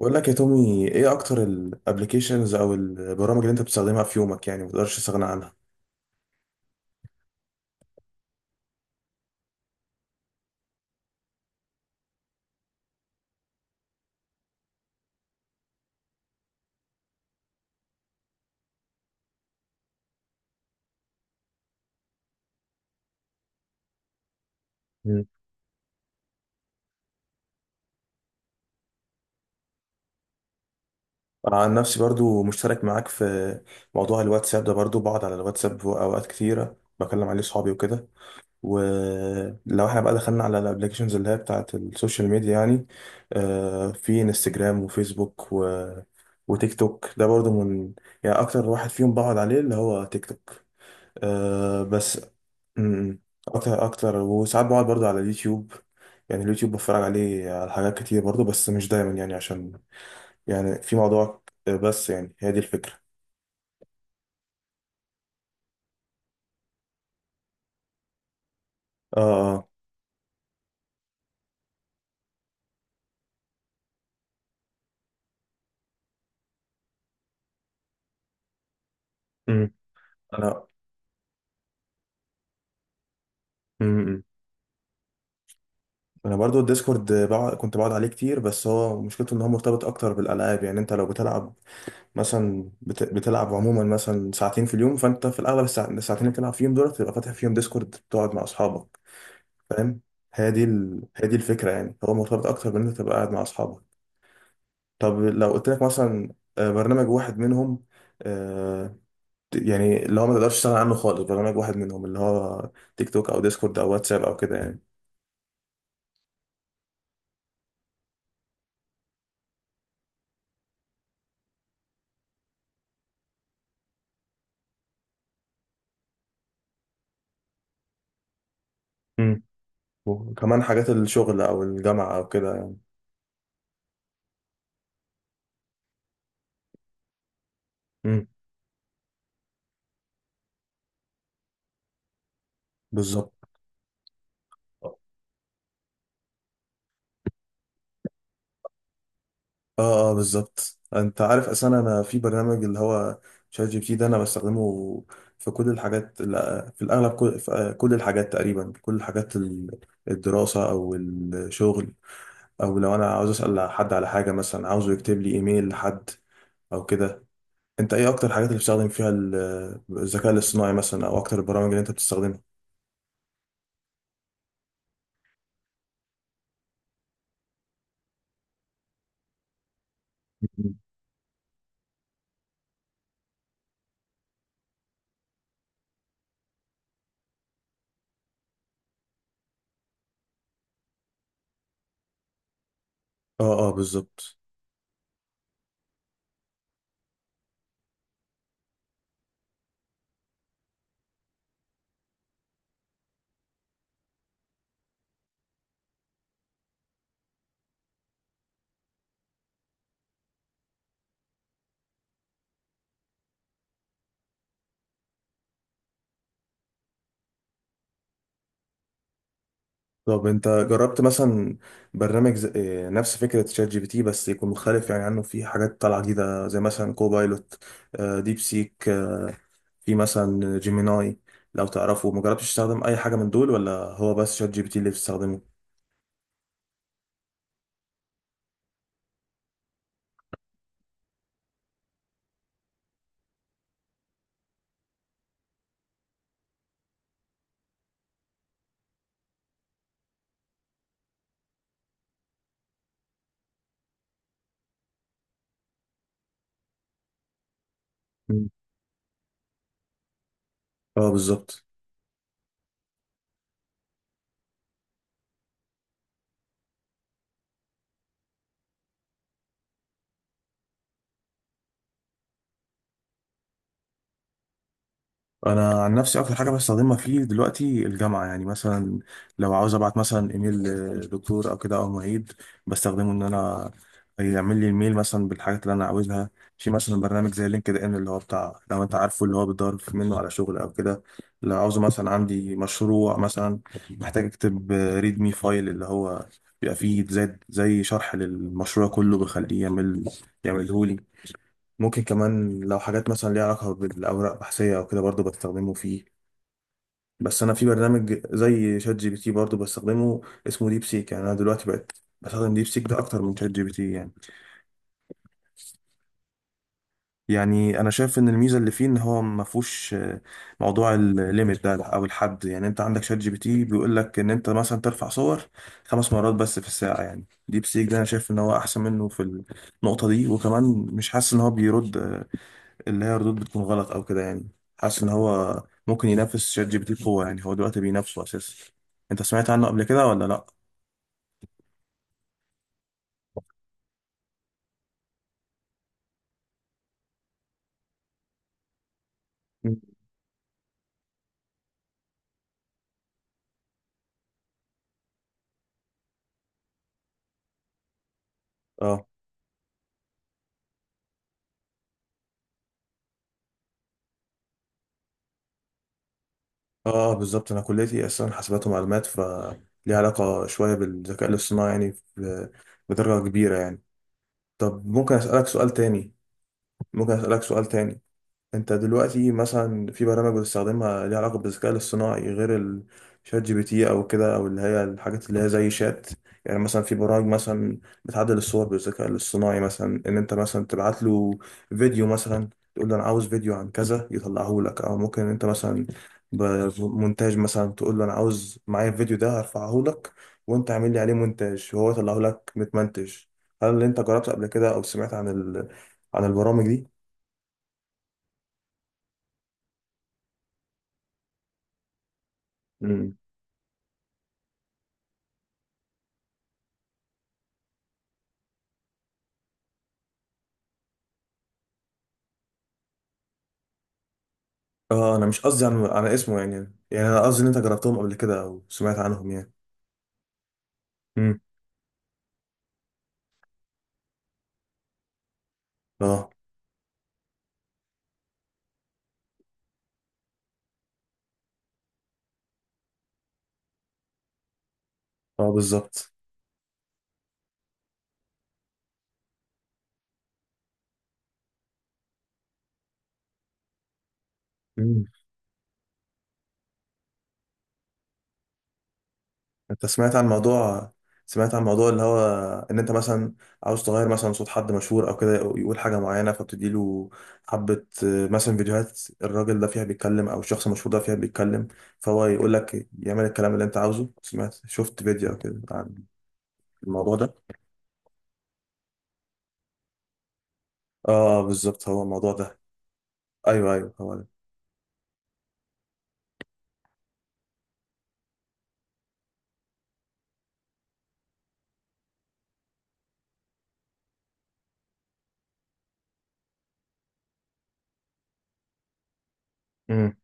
بقول لك يا تومي ايه اكتر الابلكيشنز او البرامج اللي انت بتستخدمها في يومك، يعني ما تقدرش تستغنى عنها؟ مم. انا عن نفسي برضو مشترك معاك في موضوع الواتساب ده، برضو بقعد على الواتساب اوقات كتيره بكلم عليه صحابي وكده. ولو احنا بقى دخلنا على الابلكيشنز اللي هي بتاعت السوشيال ميديا، يعني في انستجرام وفيسبوك وتيك توك ده برضو من، يعني اكتر واحد فيهم بقعد عليه اللي هو تيك توك، بس. امم اكتر اكتر، وساعات بقعد برضه على اليوتيوب. يعني اليوتيوب بتفرج عليه على حاجات كتير برضه، بس مش دايما، يعني عشان يعني في موضوع، بس يعني هي دي الفكرة. اه اه. امم انا امم امم. انا برضه الديسكورد بقعد، كنت بقعد عليه كتير، بس هو مشكلته ان هو مرتبط اكتر بالالعاب. يعني انت لو بتلعب مثلا بتلعب عموما مثلا ساعتين في اليوم، فانت في الاغلب الساعتين اللي بتلعب فيهم دول تبقى فاتح فيهم ديسكورد تقعد مع اصحابك. فاهم؟ هي دي الفكرة، يعني هو مرتبط اكتر بان انت تبقى قاعد مع اصحابك. طب لو قلت لك مثلا برنامج واحد منهم، آه، يعني اللي هو ما تقدرش تشتغل عنه خالص، برنامج واحد منهم، اللي هو تيك توك او ديسكورد او واتساب او كده يعني. امم وكمان حاجات الشغل او الجامعة او كده يعني. امم بالظبط. اه اه بالظبط. انت عارف اصلا، انا في برنامج اللي هو شات جي بي تي ده انا بستخدمه في كل الحاجات. لا، في الاغلب كل في آه، كل الحاجات تقريبا، في كل الحاجات الدراسة او الشغل، او لو انا عاوز اسال حد على حاجه، مثلا عاوزه يكتب لي ايميل لحد او كده. انت ايه اكتر الحاجات اللي بتستخدم فيها الذكاء الاصطناعي مثلا، او اكتر البرامج اللي انت بتستخدمها؟ مم. اه اه بالظبط. طب انت جربت مثلا برنامج نفس فكره شات جي بي تي، بس يكون مختلف يعني عنه، في حاجات طالعه جديده، زي مثلا كوبايلوت، ديب سيك، في مثلا جيميناي لو تعرفه. ما جربتش تستخدم اي حاجه من دول، ولا هو بس شات جي بي تي اللي بتستخدمه؟ مم. اه بالظبط. انا عن نفسي اكتر حاجه بستخدمها فيه دلوقتي الجامعه. يعني مثلا لو عاوز ابعت مثلا ايميل لدكتور او كده او معيد، بستخدمه ان انا يعمل لي الميل مثلا بالحاجات اللي انا عاوزها. في مثلا برنامج زي لينكد ان، اللي هو بتاع، لو انت عارفه، اللي هو بتدور منه على شغل او كده. لو عاوزه مثلا عندي مشروع مثلا محتاج اكتب ريد مي فايل، اللي هو بيبقى فيه زي شرح للمشروع كله، بخليه يعمله. ممكن كمان لو حاجات مثلا ليها علاقة بالأوراق البحثية أو كده، برضو بستخدمه فيه. بس أنا في برنامج زي شات جي بي تي برضو بستخدمه، اسمه ديب سيك. يعني أنا دلوقتي بقت بستخدم ديب سيك ده أكتر من شات جي بي تي يعني. يعني أنا شايف إن الميزة اللي فيه إن هو ما فيهوش موضوع الليميت ده أو الحد. يعني أنت عندك شات جي بي تي بيقول لك إن أنت مثلا ترفع صور خمس مرات بس في الساعة، يعني ديب سيك ده أنا شايف إن هو أحسن منه في النقطة دي. وكمان مش حاسس إن هو بيرد اللي هي ردود بتكون غلط او كده يعني. حاسس ان هو ممكن ينافس شات جي بي تي بقوه، يعني هو دلوقتي بينافسه اساسا. انت سمعت عنه قبل كده ولا لا؟ مم. اه اه بالظبط. انا كليتي اصلا حاسبات ومعلومات، ف ليها علاقه شويه بالذكاء الاصطناعي، يعني بدرجه كبيره يعني. طب ممكن اسالك سؤال تاني؟ ممكن اسالك سؤال تاني انت دلوقتي مثلا في برامج بتستخدمها ليها علاقة بالذكاء الاصطناعي غير الشات جي بي تي او كده، او اللي هي الحاجات اللي هي زي شات؟ يعني مثلا في برامج مثلا بتعدل الصور بالذكاء الاصطناعي، مثلا ان انت مثلا تبعت له فيديو مثلا، تقول له انا عاوز فيديو عن كذا يطلعه لك. او ممكن انت مثلا بمونتاج مثلا، تقول له انا عاوز معايا الفيديو ده هرفعه لك، وانت اعمل لي عليه مونتاج، وهو يطلعه لك متمنتج. هل انت جربت قبل كده او سمعت عن البرامج دي؟ اه انا مش قصدي عن على اسمه يعني، يعني انا قصدي ان انت جربتهم قبل كده او سمعت عنهم يعني. امم اه اه بالظبط. امم انت سمعت عن موضوع، سمعت عن موضوع اللي هو ان انت مثلا عاوز تغير مثلا صوت حد مشهور او كده، أو يقول حاجه معينه، فبتدي له حبه مثلا فيديوهات الراجل ده فيها بيتكلم او الشخص المشهور ده فيها بيتكلم، فهو يقول لك يعمل الكلام اللي انت عاوزه. سمعت شفت فيديو او كده عن الموضوع ده؟ اه بالظبط هو الموضوع ده. ايوه ايوه هو ده.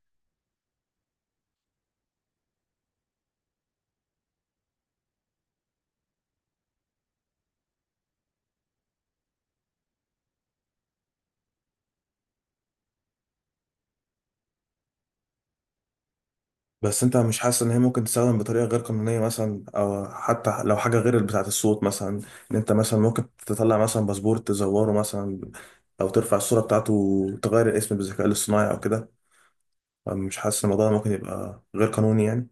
بس انت مش حاسس ان هي ممكن تستخدم بطريقه غير قانونيه مثلا، او حتى لو حاجه غير بتاعه الصوت مثلا، ان انت مثلا ممكن تطلع مثلا باسبور تزوره مثلا، او ترفع الصوره بتاعته وتغير الاسم بالذكاء الاصطناعي او كده؟ مش حاسس ان الموضوع ده ممكن يبقى غير قانوني يعني؟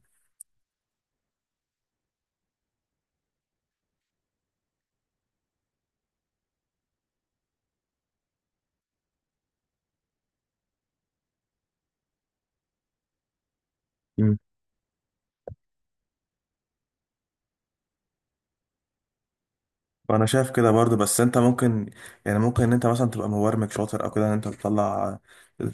مم. وانا شايف كده برضه. بس انت ممكن، يعني ممكن ان انت مثلا تبقى مبرمج شاطر او كده، ان انت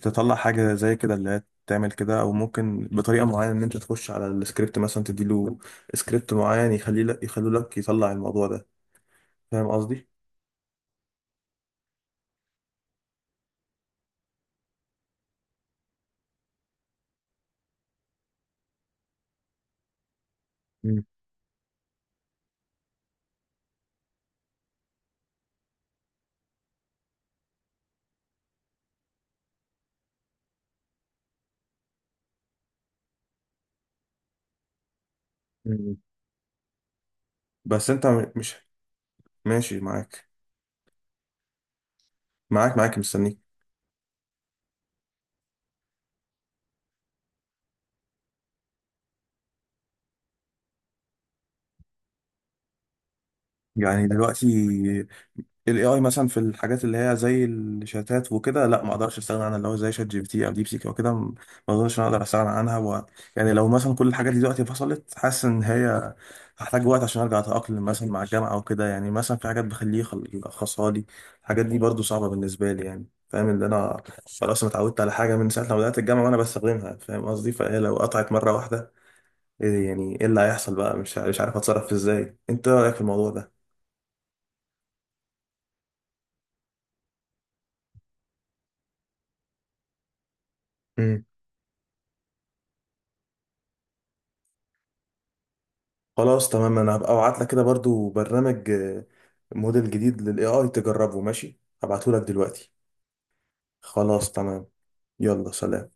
تطلع حاجه زي كده اللي هي تعمل كده، او ممكن بطريقه معينه ان انت تخش على السكريبت مثلا، تديله سكريبت معين يخليه لك يطلع الموضوع ده. فاهم قصدي؟ مم. مم. بس انت مش ماشي معاك. معاك معاك مستنيك. يعني دلوقتي ال AI مثلا في الحاجات اللي هي زي الشتات وكده، لا ما اقدرش استغنى عنها، اللي هو زي شات جي بي تي او ديب سيك او كده. ما اظنش إن انا اقدر استغنى عنها. و... يعني لو مثلا كل الحاجات دي دلوقتي فصلت، حاسس ان هي هحتاج وقت عشان ارجع اتاقلم مثلا مع الجامعه او كده. يعني مثلا في حاجات بخليه يلخصها لي، الحاجات دي برضو صعبه بالنسبه لي، يعني فاهم اللي انا، خلاص انا اتعودت على حاجه من ساعه ما بدات الجامعه وانا بستخدمها، فاهم قصدي؟ فهي لو قطعت مره واحده ايه، يعني ايه اللي هيحصل بقى؟ مش عارف اتصرف ازاي. انت إيه رايك في الموضوع ده؟ مم. خلاص تمام. انا هبقى ابعت لك كده برضو برنامج، موديل جديد للاي اي تجربه. ماشي، هبعته لك دلوقتي. خلاص تمام. يلا سلام.